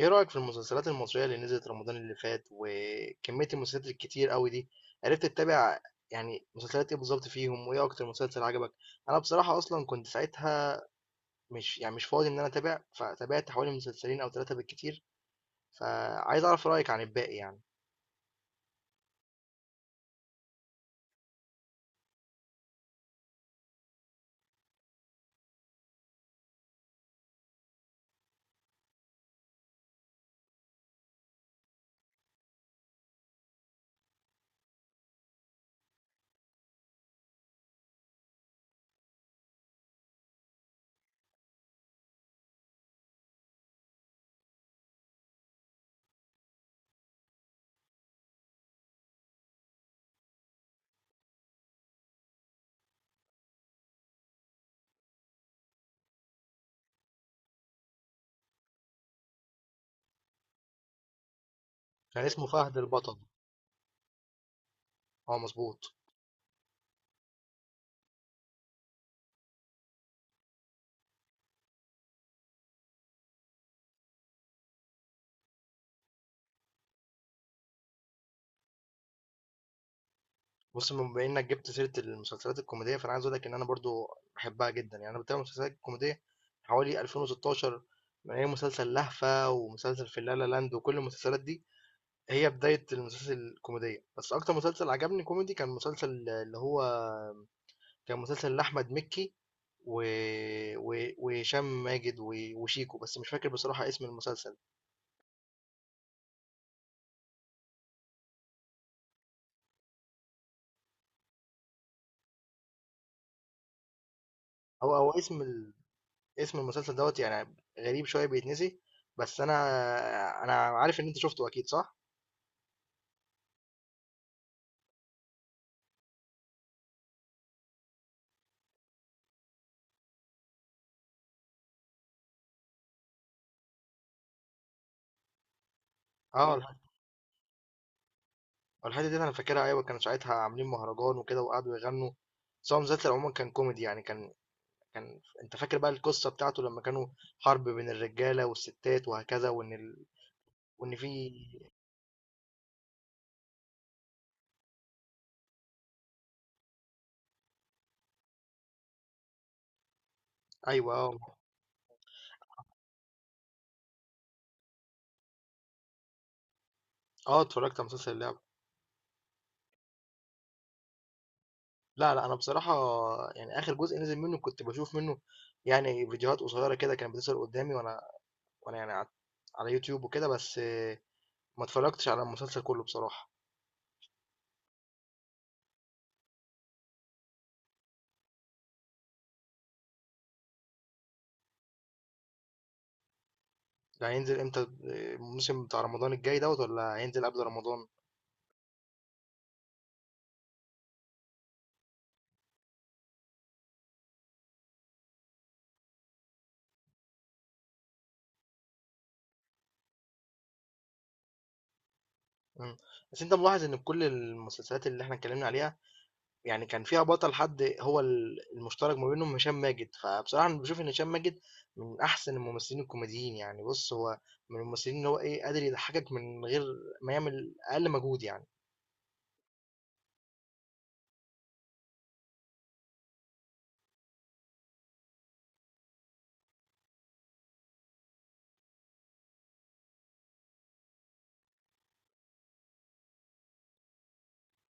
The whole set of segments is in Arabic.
ايه رأيك في المسلسلات المصرية اللي نزلت رمضان اللي فات وكمية المسلسلات الكتير قوي دي؟ عرفت تتابع؟ يعني مسلسلات ايه بالظبط فيهم؟ وايه اكتر مسلسل عجبك؟ انا بصراحة اصلا كنت ساعتها مش يعني مش فاضي ان انا اتابع، فتابعت حوالي مسلسلين او ثلاثة بالكتير. فعايز اعرف رأيك عن الباقي يعني. كان اسمه فهد البطل. اه، مظبوط. بص، بما انك جبت سيره المسلسلات الكوميديه، فانا عايز اقول لك ان انا برضو بحبها جدا. يعني انا بتابع مسلسلات كوميديه حوالي 2016، من اي مسلسل لهفه ومسلسل في لا لا لاند وكل المسلسلات دي، هي بدايه المسلسل الكوميديه. بس اكتر مسلسل عجبني كوميدي كان مسلسل اللي هو كان مسلسل لاحمد مكي و... وهشام ماجد وشيكو، بس مش فاكر بصراحه اسم المسلسل. هو او اسم اسم المسلسل دوت يعني غريب شويه بيتنسي، بس انا عارف ان انت شفته، اكيد صح. اه، الحته دي انا فاكرها. ايوه، كانوا ساعتها عاملين مهرجان وكده وقعدوا يغنوا. بس هو مسلسل عموما كان كوميدي، يعني كان انت فاكر بقى القصه بتاعته لما كانوا حرب بين الرجاله والستات وهكذا، وان وان في. ايوه. اه. اه، اتفرجت على مسلسل اللعبه. لا، لا، انا بصراحه يعني اخر جزء نزل منه كنت بشوف منه يعني فيديوهات قصيره كده كانت بتظهر قدامي، وانا يعني على يوتيوب وكده، بس ما اتفرجتش على المسلسل كله بصراحه. ده هينزل امتى؟ الموسم بتاع رمضان الجاي دوت، ولا هينزل قبل رمضان؟ إمم. بس أنت ملاحظ إن في كل المسلسلات اللي إحنا اتكلّمنا عليها، يعني كان فيها بطل، حد هو المشترك ما بينهم هشام ماجد، فبصراحة أنا باشوف إن هشام ماجد من أحسن الممثلين الكوميديين. يعني بُص، هو من الممثلين اللي هو إيه، قادر يضحّكك من غير ما يعمل أقل مجهود يعني.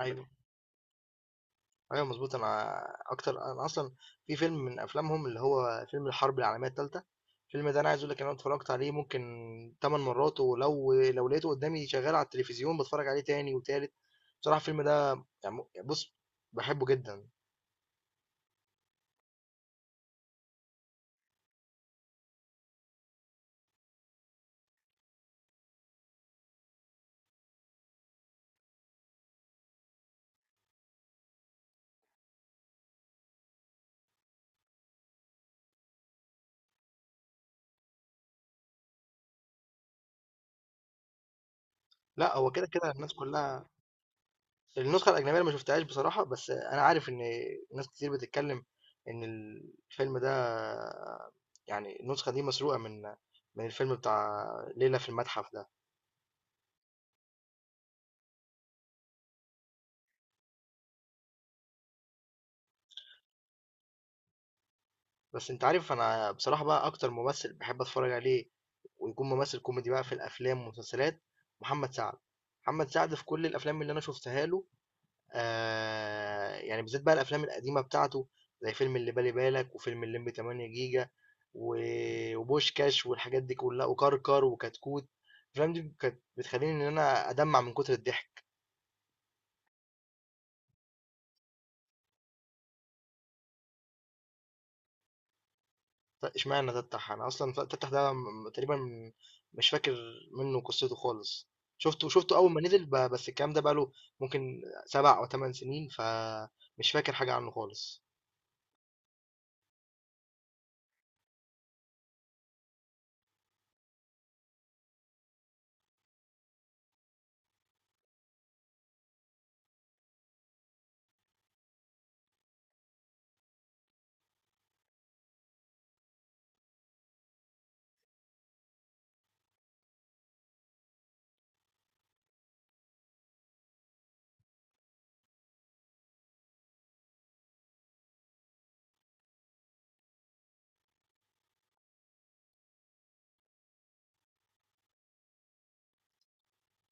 أيوه. ايوه، مظبوط. انا اكتر، انا اصلا في فيلم من افلامهم اللي هو فيلم الحرب العالميه الثالثه، الفيلم ده انا عايز اقول لك إن انا اتفرجت عليه ممكن 8 مرات، ولو لقيته قدامي شغال على التلفزيون بتفرج عليه تاني وتالت. بصراحه الفيلم ده يعني بص، بحبه جدا. لا، هو كده كده الناس كلها. النسخه الاجنبيه أنا ما شفتهاش بصراحه، بس انا عارف ان ناس كتير بتتكلم ان الفيلم ده يعني النسخه دي مسروقه من الفيلم بتاع ليله في المتحف ده. بس أنت عارف أنا بصراحة بقى أكتر ممثل بحب أتفرج عليه ويكون ممثل كوميدي بقى في الأفلام والمسلسلات، محمد سعد. محمد سعد في كل الأفلام اللي أنا شفتها له، آه، يعني بالذات بقى الأفلام القديمة بتاعته، زي فيلم اللي بالي بالك وفيلم الليمبي 8 جيجا وبوشكاش والحاجات دي كلها وكركر وكتكوت. الأفلام دي كانت بتخليني إن أنا أدمع من كتر الضحك. لا، اشمعنى تفتح؟ انا اصلا تفتح ده تقريبا مش فاكر منه قصته خالص. شفته اول ما نزل، بس الكلام ده بقاله ممكن 7 أو 8 سنين، فمش فاكر حاجه عنه خالص.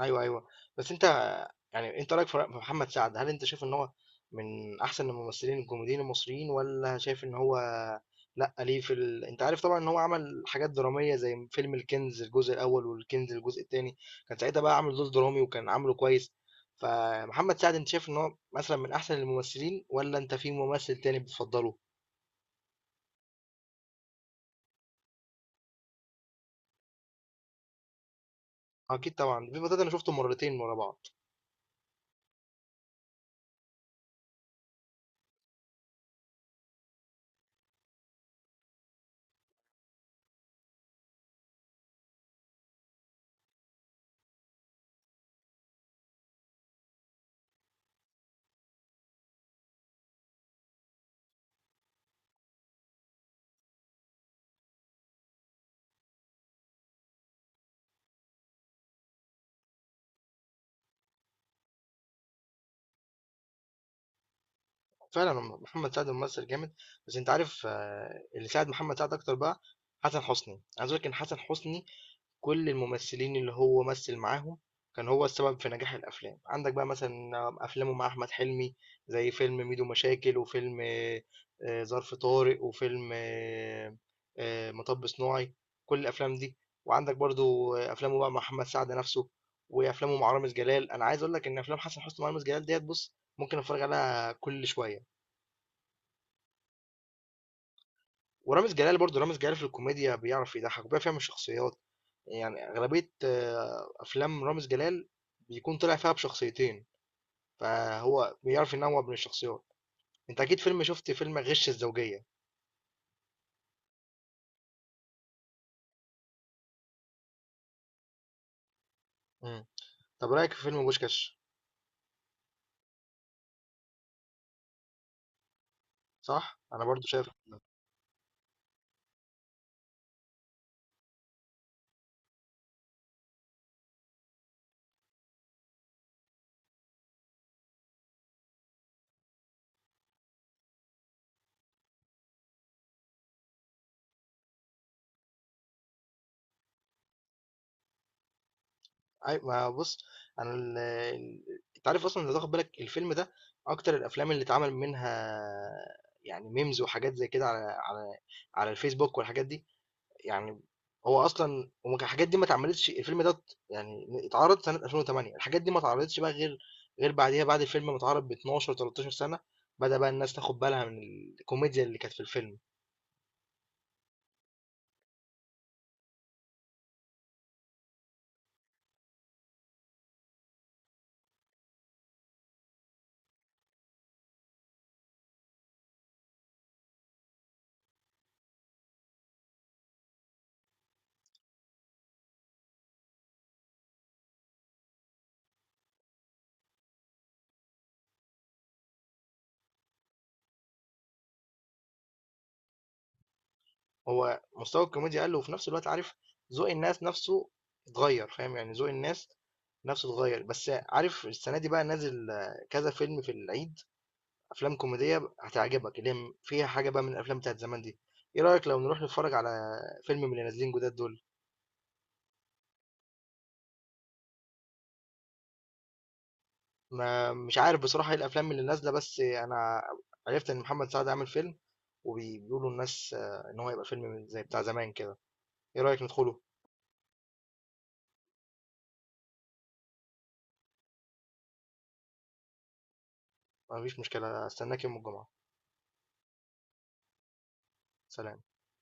أيوه، أيوه. بس أنت يعني أنت رأيك في في محمد سعد، هل أنت شايف إن هو من أحسن الممثلين الكوميديين المصريين، والّا شايف إن هو لأ؟ ليه في ال أنت عارف طبعًا إن هو عمل حاجات درامية زي فيلم الكنز الجزء الأول والكنز الجزء التاني، كان ساعتها بقى عامل دور درامي وكان عامله كويس. فمحمد سعد أنت شايف إن هو مثلًا من أحسن الممثلين والّا أنت في ممثل تاني بتفضّله؟ أكيد طبعًا، الفيلم ده أنا شُفته مرّتين ورا بعض. فعلًا، محمد سعد ممثّل جامد. بس أنت عارف، اللي ساعد محمد سعد أكتر بقى حسن حسني. عايز أقول لك إن حسن حسني كل الممثلين اللي هو مثّل معاهم كان هو السبب في نجاح الأفلام. عندك بقى مثلًا أفلامه مع أحمد حلمي، زي فيلم ميدو مشاكل، وفيلم ظرف طارق، وفيلم مطب صناعي، كل الأفلام دي، وعندك برضه أفلامه بقى مع محمد سعد نَفْسه، وأفلامه مع رامز جلال. أنا عايز أقول لك إن أفلام حسن حسني مع رامز جلال ديّة بُص، ممكن أتفرّج عليها كل شوية. ورامز جلال برضه، رامز جلال في الكوميديا بيعرف يضحك وبيعرف يعمل شخصيات. يعني أغلبية أفلام رامز جلال بيكون طلع فيها بشخصيتين، فهو بيعرف ينوع بين الشخصيات. أنت أكيد شفت فيلم غش الزوجية. مم. طب رأيك في فيلم بوشكاش؟ صح؟ أنا برضو شايف. أي ما بص، أنا أنت عارف أصلا، لو تاخد بالك الفيلم ده أكتر الأفلام اللي اتعمل منها يعني ميمز وحاجات زي كده على على الفيسبوك والحاجات دي، يعني هو أصلًا وما كان الحاجات دي ما اتعملتش. الفيلم ده يعني اتعرض سنة 2008، الحاجات دي ما اتعرضتش بقى غير بعديها، بعد الفيلم ما اتعرض ب12 13 سنة، بدأ بقى الناس تاخد بالها من الكوميديا اللي كانت في الفيلم. هو مستوى الكوميديا قَل، وفي نفس الوقت، عارف، ذوق الناس نفسه اتغيّر، فاهم، يعني ذوق الناس نفسه اتغيّر. بس عارف، السنة دي بقى نازل كذا فيلم في العيد، أفلام كوميدية هتعجبك اللي هي فيها حاجة بقى من الأفلام بتاعة زمان دي. إيه رأيك لو نروح نتفرج على فيلم من اللي نازلين جداد دول؟ ما مش عارف بصراحة ايه الافلام اللي نازلة، بس انا عرفت ان محمد سعد عامل فيلم، وبيقولوا الناس ان هو يبقى فيلم زي بتاع زمان كده. ايه رأيك ندخله؟ مفيش مشكلة، استناك يوم الجمعة. سلام.